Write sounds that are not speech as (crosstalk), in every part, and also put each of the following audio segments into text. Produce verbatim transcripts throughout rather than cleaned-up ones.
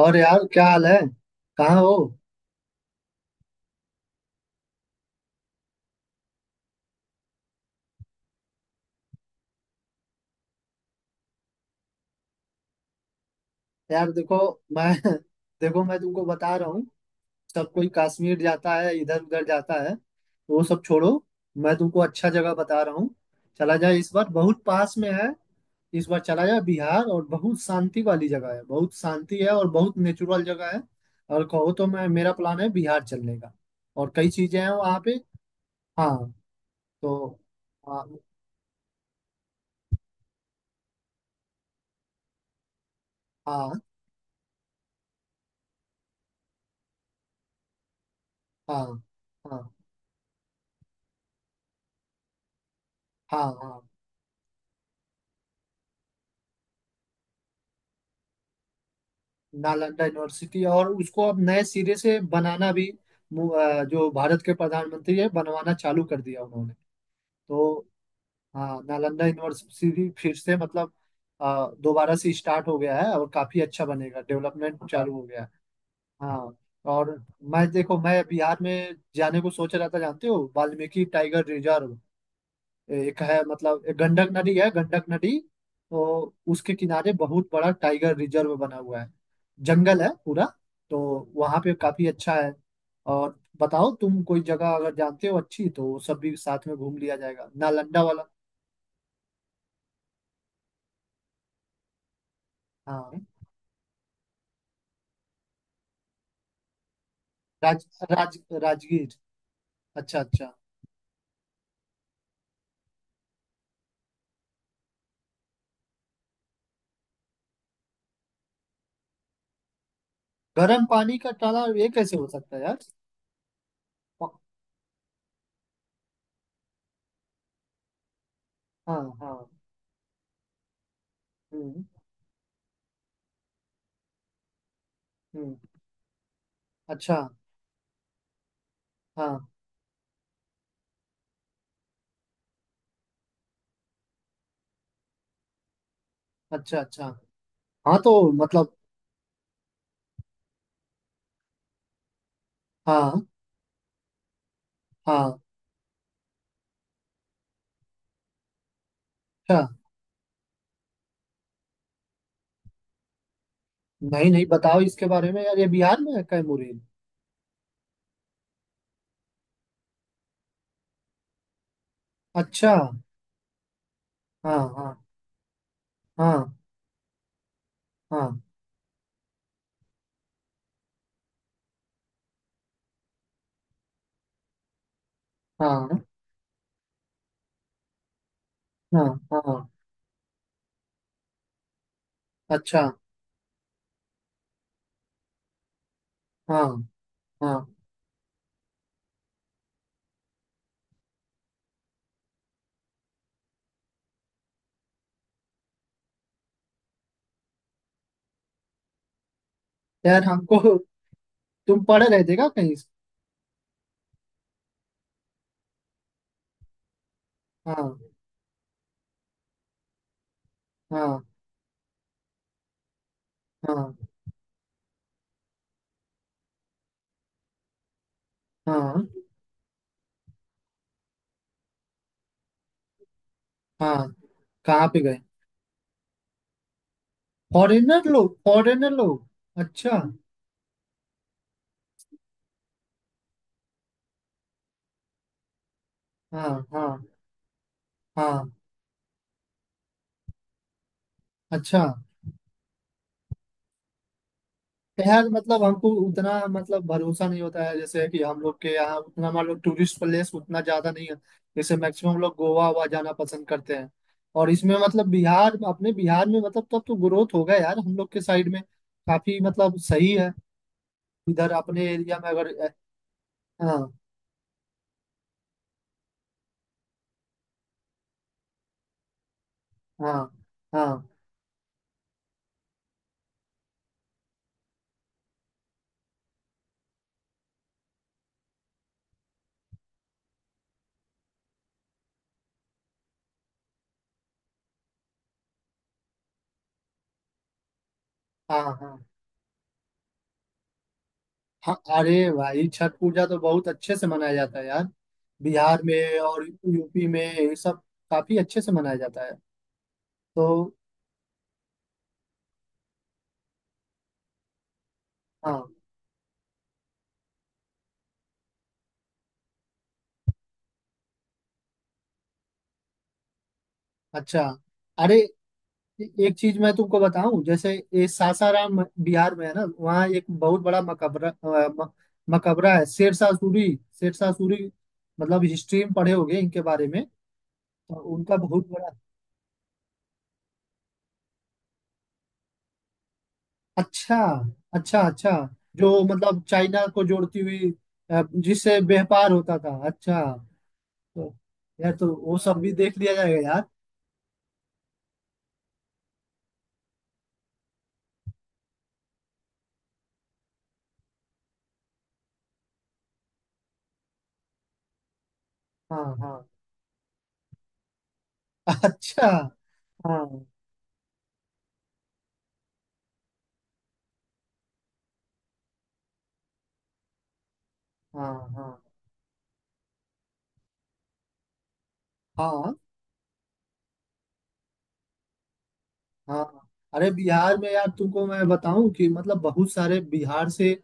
और यार, क्या हाल है। कहाँ हो। यार देखो, मैं (laughs) देखो, मैं तुमको बता रहा हूँ। सब कोई कश्मीर जाता है, इधर उधर जाता है। वो सब छोड़ो। मैं तुमको अच्छा जगह बता रहा हूँ। चला जाए, इस बार बहुत पास में है। इस बार चला जाए बिहार, और बहुत शांति वाली जगह है, बहुत शांति है और बहुत नेचुरल जगह है। और कहो तो मैं मेरा प्लान है बिहार चलने का। और कई चीजें हैं वहाँ पे। हाँ। तो। हाँ हाँ। हाँ हाँ। हाँ हाँ। नालंदा यूनिवर्सिटी और उसको अब नए सिरे से बनाना भी, मु- अ, जो भारत के प्रधानमंत्री है, बनवाना चालू कर दिया उन्होंने। तो। हाँ, नालंदा यूनिवर्सिटी फिर से मतलब, अ, दोबारा से स्टार्ट हो गया है और काफी अच्छा बनेगा, डेवलपमेंट चालू हो गया है। हाँ। और मैं, देखो, मैं बिहार में जाने को सोच रहा था। जानते हो वाल्मीकि टाइगर रिजर्व एक है, मतलब एक गंडक नदी है, गंडक नदी। तो उसके किनारे बहुत बड़ा टाइगर रिजर्व बना हुआ है, जंगल है पूरा। तो वहां पे काफी अच्छा है। और बताओ, तुम कोई जगह अगर जानते हो अच्छी, तो वो सब भी साथ में घूम लिया जाएगा नालंदा वाला। हाँ। राज राज राजगीर। अच्छा अच्छा। गर्म पानी का तालाब, ये कैसे हो सकता है यार? हाँ हाँ। हम्म। हम्म। अच्छा। हाँ। अच्छा अच्छा। हाँ, तो मतलब। हाँ हाँ। अच्छा। नहीं नहीं, बताओ इसके बारे में यार, ये बिहार में है कैमूरिन? अच्छा। हाँ हाँ। हाँ हाँ। हाँ हाँ। हाँ। अच्छा। हाँ हाँ। यार हमको। तुम पढ़ रहे थे क्या कहीं से? हाँ हाँ। हाँ हाँ। हाँ। कहाँ पे गए? फॉरेनर लोग फॉरेनर लोग। अच्छा। हाँ हाँ। हाँ। अच्छा। तो यार मतलब, हमको उतना मतलब भरोसा नहीं होता है, जैसे कि हम लोग के यहाँ उतना मान लो, टूरिस्ट प्लेस उतना ज्यादा नहीं है। जैसे मैक्सिमम लोग गोवा हुआ जाना पसंद करते हैं। और इसमें मतलब बिहार अपने बिहार में मतलब, तब तो ग्रोथ होगा यार हम लोग के साइड में। काफी मतलब सही है। इधर अपने एरिया में अगर। हाँ। हाँ हाँ। हाँ हाँ। हाँ। अरे भाई, छठ पूजा तो बहुत अच्छे से मनाया जाता है यार, बिहार में और यूपी में ये सब काफी अच्छे से मनाया जाता है। तो। हाँ। अच्छा। अरे ए- एक चीज मैं तुमको बताऊं, जैसे ये सासाराम बिहार में है ना, वहाँ एक बहुत बड़ा मकबरा अ, म- मकबरा है, शेरशाह सूरी। शेरशाह सूरी मतलब हिस्ट्री में पढ़े होंगे इनके बारे में। तो उनका बहुत बड़ा। अच्छा अच्छा। अच्छा। जो मतलब चाइना को जोड़ती हुई, अ, जिससे व्यापार होता था। अच्छा। तो यार तो वो सब भी देख लिया जाएगा यार। हाँ हाँ। (laughs) अच्छा। हाँ हाँ। हाँ हाँ। हाँ। अरे, बिहार में यार तुमको मैं बताऊं कि मतलब बहुत सारे बिहार से,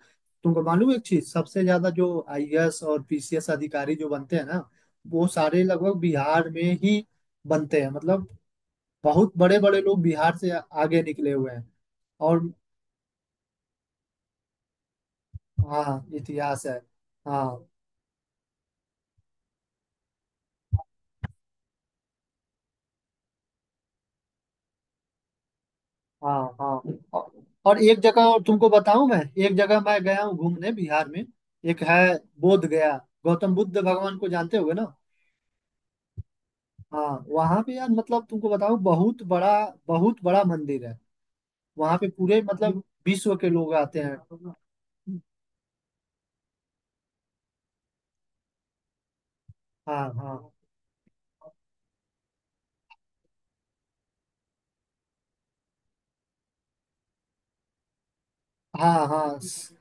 तुमको मालूम एक चीज, सबसे ज्यादा जो आईएएस और पीसीएस अधिकारी जो बनते हैं ना, वो सारे लगभग बिहार में ही बनते हैं, मतलब बहुत बड़े बड़े लोग बिहार से आगे निकले हुए हैं। और हाँ, इतिहास है। हाँ हाँ। हाँ। औ- और एक जगह और तुमको बताऊं मैं। एक जगह मैं गया हूँ घूमने बिहार में, एक है बोध गया। गौतम बुद्ध भगवान को जानते होगे ना। हाँ वहां पे यार मतलब तुमको बताऊं, बहुत बड़ा बहुत बड़ा मंदिर है। वहां पे पूरे मतलब विश्व के लोग आते हैं। हाँ हाँ। हाँ हाँ। स-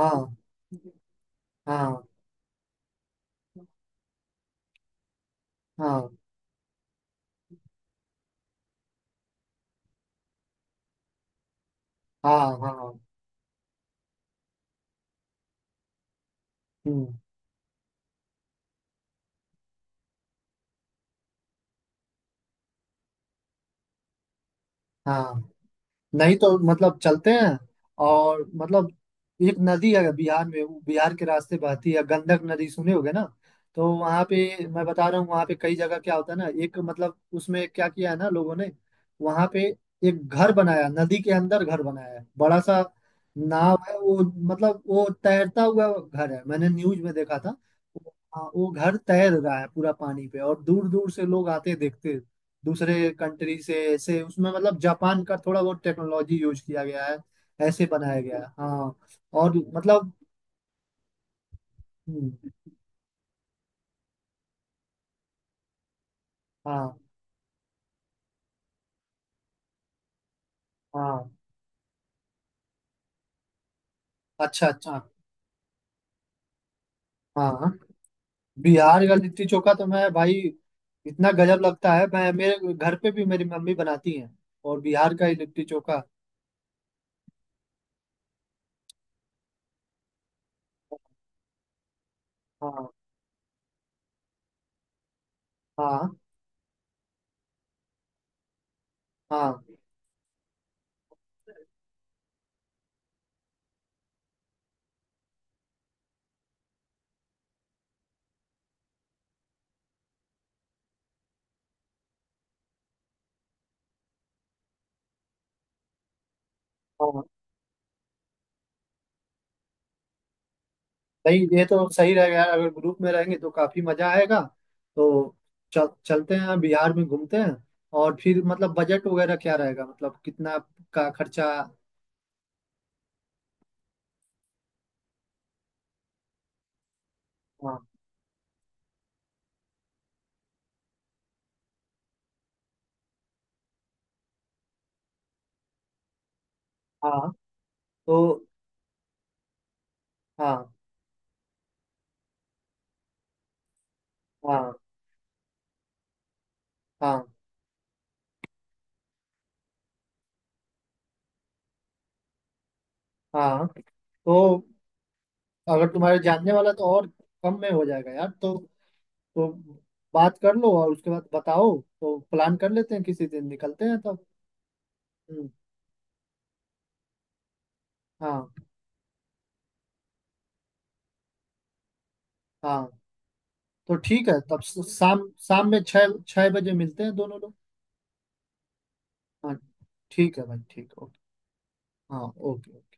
हाँ हाँ। हाँ हाँ। हाँ। हम्म, हाँ। नहीं तो मतलब चलते हैं। और मतलब एक नदी है बिहार में, वो बिहार के रास्ते बहती है, गंडक नदी सुने होगे ना। तो वहाँ पे मैं बता रहा हूँ, वहाँ पे कई जगह क्या होता है ना, एक मतलब उसमें क्या किया है ना लोगों ने, वहाँ पे एक घर बनाया नदी के अंदर, घर बनाया है बड़ा सा, नाव है वो। मतलब वो तैरता हुआ घर है, मैंने न्यूज में देखा था। वो- हाँ, वो घर तैर रहा है पूरा पानी पे और दूर दूर से लोग आते देखते दूसरे कंट्री से, ऐसे उसमें मतलब जापान का थोड़ा बहुत टेक्नोलॉजी यूज किया गया है, ऐसे बनाया गया है। हाँ। और मतलब। हम्म, हाँ हाँ। अच्छा अच्छा। हाँ। बिहार का लिट्टी चोखा तो मैं भाई इतना गजब लगता है, मैं मेरे घर पे भी मेरी मम्मी बनाती हैं और बिहार का ही लिट्टी चोखा। हाँ हाँ। हाँ हाँ। सही, ये तो सही रहेगा यार, अगर ग्रुप में रहेंगे तो काफी मजा आएगा। तो चल चलते हैं बिहार में घूमते हैं। और फिर मतलब बजट वगैरह क्या रहेगा, मतलब कितना का खर्चा। हाँ हाँ। तो। हाँ हाँ। हाँ हाँ। तो अगर तुम्हारे जानने वाला तो और कम में हो जाएगा यार। तो तो बात कर लो और उसके बाद बताओ, तो प्लान कर लेते हैं, किसी दिन निकलते हैं तब। हम्म, हाँ। हाँ। तो ठीक है, तब शाम शाम में छः छः बजे मिलते हैं दोनों लोग। हाँ। ठीक है भाई, ठीक है ओके। हाँ ओके।